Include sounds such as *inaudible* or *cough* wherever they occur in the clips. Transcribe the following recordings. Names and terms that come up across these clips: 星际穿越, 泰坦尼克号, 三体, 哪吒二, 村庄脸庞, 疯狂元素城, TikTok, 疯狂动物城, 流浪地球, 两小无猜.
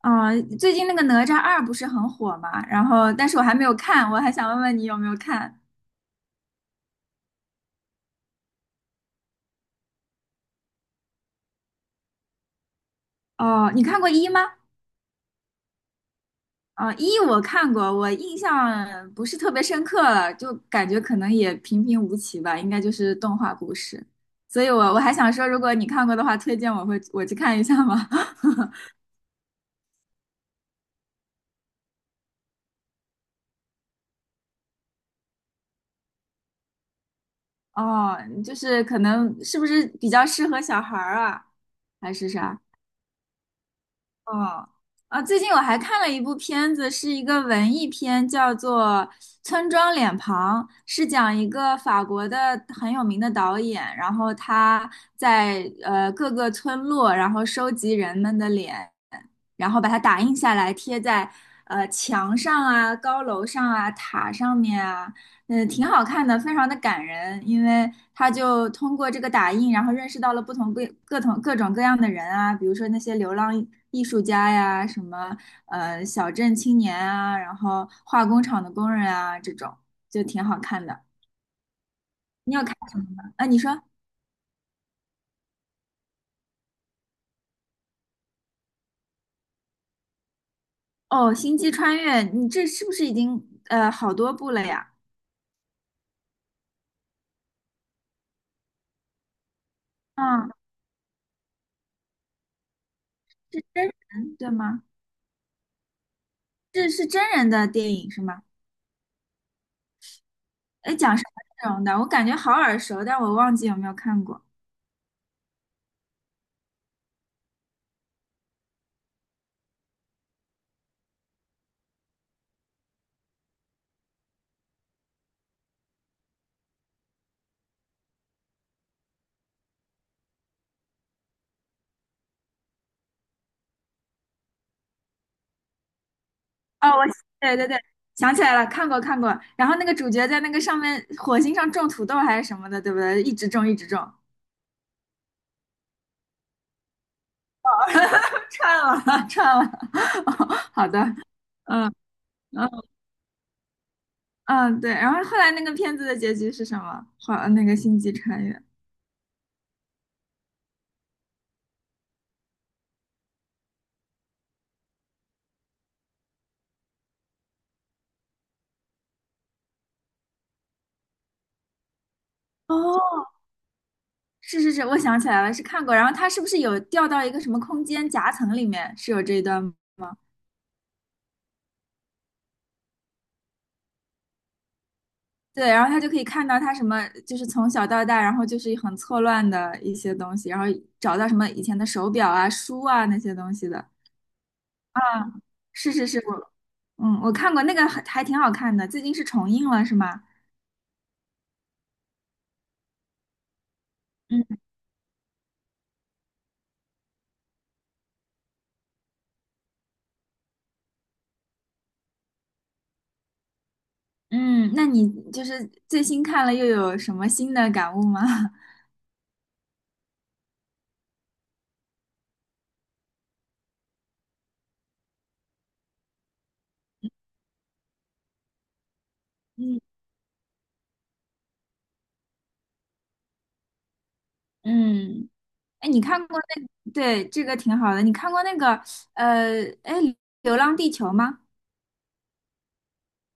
啊，最近那个《哪吒二》不是很火嘛，然后但是我还没有看，我还想问问你有没有看？哦，你看过一吗？啊，一我看过，我印象不是特别深刻了，就感觉可能也平平无奇吧，应该就是动画故事。所以我还想说，如果你看过的话，推荐我去看一下吗？*laughs* 哦，就是可能是不是比较适合小孩儿啊，还是啥？哦，啊，最近我还看了一部片子，是一个文艺片，叫做《村庄脸庞》，是讲一个法国的很有名的导演，然后他在各个村落，然后收集人们的脸，然后把它打印下来，贴在墙上啊、高楼上啊、塔上面啊，嗯，挺好看的，非常的感人，因为他就通过这个打印，然后认识到了不同各种各样的人啊，比如说那些流浪艺术家呀，什么小镇青年啊，然后化工厂的工人啊，这种就挺好看的。你有看啊？你说哦，《星际穿越》，你这是不是已经好多部了呀？啊，是真人对吗？这是真人的电影是吗？哎，讲什么内容的？我感觉好耳熟，但我忘记有没有看过。哦，我,对对对，想起来了，看过看过。然后那个主角在那个上面火星上种土豆还是什么的，对不对？一直种一直种，串了 *laughs* 串了。*laughs* 哦好的，嗯嗯嗯，对。然后后来那个片子的结局是什么？好，那个星际穿越。哦，是是是，我想起来了，是看过。然后他是不是有掉到一个什么空间夹层里面？是有这一段吗？对，然后他就可以看到他什么，就是从小到大，然后就是很错乱的一些东西，然后找到什么以前的手表啊、书啊那些东西的。啊，是是是，我看过那个还挺好看的，最近是重映了是吗？嗯嗯，那你就是最新看了又有什么新的感悟吗？*laughs* 嗯嗯，哎，你看过那，对，这个挺好的，你看过那个哎，《流浪地球》吗？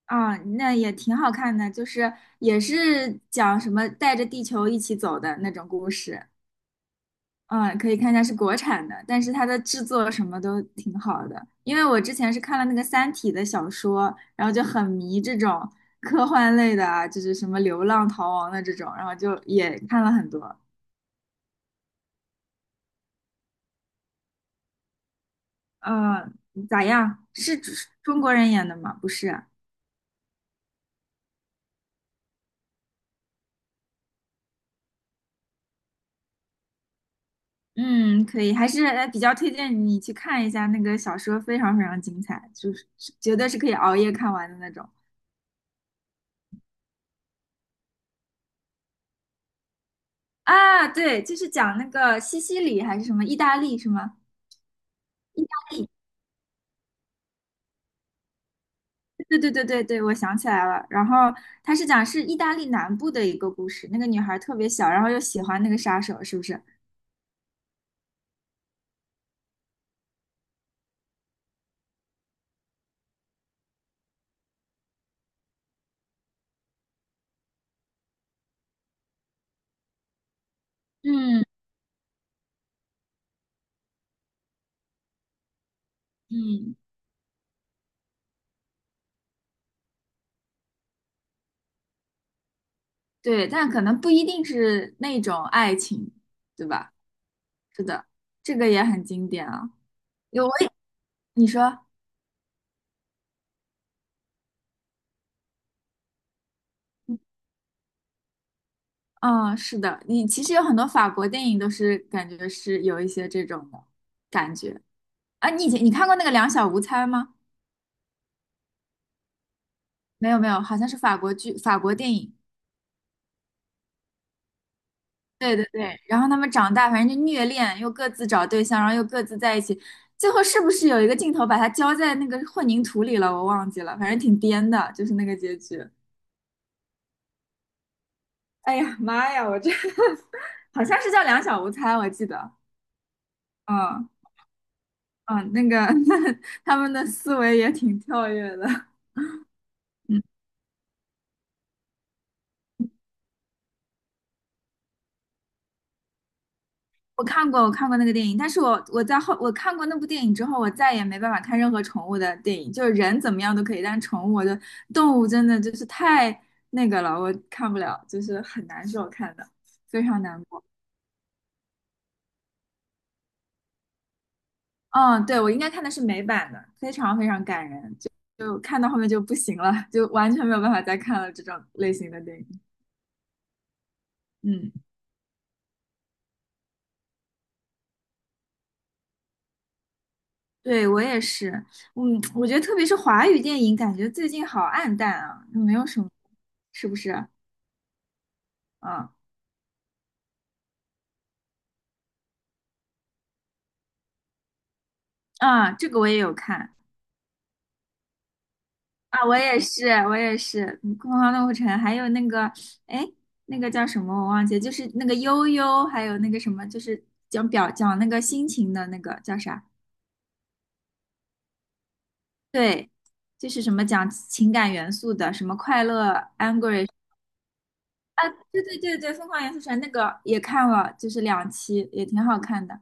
啊，那也挺好看的，就是也是讲什么带着地球一起走的那种故事。嗯，可以看一下是国产的，但是它的制作什么都挺好的。因为我之前是看了那个《三体》的小说，然后就很迷这种科幻类的啊，就是什么流浪逃亡的这种，然后就也看了很多。嗯，咋样？是中国人演的吗？不是啊。嗯，可以，还是比较推荐你去看一下那个小说，非常非常精彩，就是是绝对是可以熬夜看完的那种啊。对，就是讲那个西西里还是什么意大利是吗？对对对对对，我想起来了。然后他是讲是意大利南部的一个故事，那个女孩特别小，然后又喜欢那个杀手，是不是？嗯嗯，对，但可能不一定是那种爱情，对吧？是的，这个也很经典啊。有我也你说。嗯，是的，你其实有很多法国电影都是感觉是有一些这种的感觉啊。你以前你看过那个《两小无猜》吗？没有没有，好像是法国剧、法国电影。对对对，然后他们长大，反正就虐恋，又各自找对象，然后又各自在一起，最后是不是有一个镜头把它浇在那个混凝土里了？我忘记了，反正挺颠的，就是那个结局。哎呀妈呀，我这 *laughs* 好像是叫《两小无猜》，我记得。嗯嗯，那个 *laughs* 他们的思维也挺跳跃的。嗯我看过，我看过那个电影，但是我在我看过那部电影之后，我再也没办法看任何宠物的电影，就是人怎么样都可以，但是宠物我的动物真的就是太那个了，我看不了，就是很难受看的，非常难过。嗯，对，我应该看的是美版的，非常非常感人，就就看到后面就不行了，就完全没有办法再看了这种类型的电影。嗯，对，我也是，嗯，我觉得特别是华语电影，感觉最近好暗淡啊，没有什么，是不是？嗯。啊，这个我也有看啊，我也是，我也是，嗯《疯狂动物城》，还有那个，哎，那个叫什么我忘记了，就是那个悠悠，还有那个什么，就是讲那个心情的那个叫啥？对，就是什么讲情感元素的，什么快乐，angry,对对对对，《疯狂元素城》那个也看了，就是两期，也挺好看的。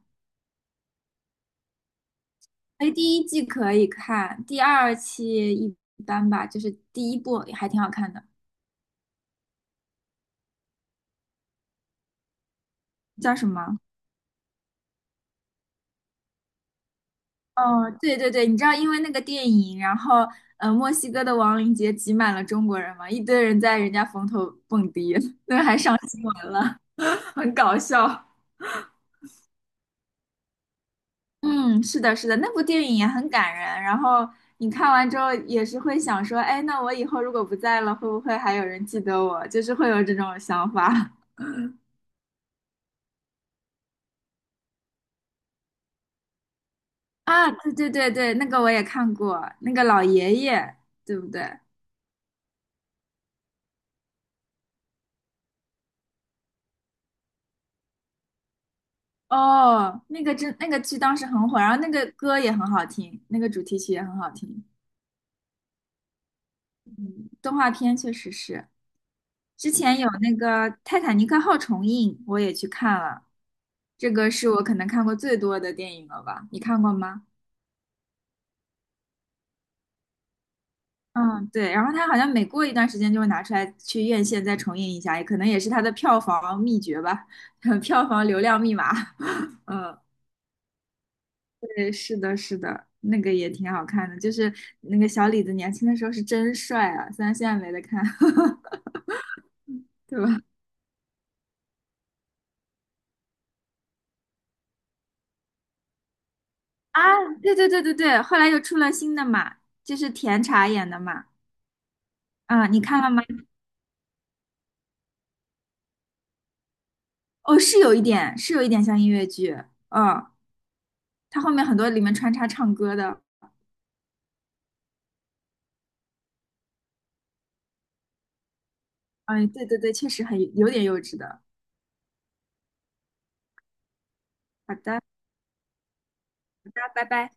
哎，第一季可以看，第二期一般吧，就是第一部还挺好看的，叫什么？哦，对对对，你知道，因为那个电影，然后墨西哥的亡灵节挤满了中国人嘛，一堆人在人家坟头蹦迪，*laughs* 那还上新闻了，*laughs* 很搞笑。嗯，是的，是的，那部电影也很感人。然后你看完之后也是会想说，哎，那我以后如果不在了，会不会还有人记得我？就是会有这种想法 *laughs* 啊。对对对对，那个我也看过，那个老爷爷，对不对？哦，那个真那个剧当时很火，然后那个歌也很好听，那个主题曲也很好听。动画片确实是，之前有那个《泰坦尼克号》重映，我也去看了，这个是我可能看过最多的电影了吧？你看过吗？嗯，对。然后它好像每过一段时间就会拿出来去院线再重映一下，也可能也是它的票房秘诀吧，*laughs* 票房流量密码。*laughs* 嗯，对，是的，是的，那个也挺好看的，就是那个小李子年轻的时候是真帅啊，虽然现在没得看，*laughs* 对吧？啊，对对对对对，后来又出了新的嘛，就是甜茶演的嘛，啊，你看了吗？哦，是有一点，是有一点像音乐剧，嗯，他后面很多里面穿插唱歌的，嗯，对对对，确实很有点幼稚的。好的，好的，拜拜。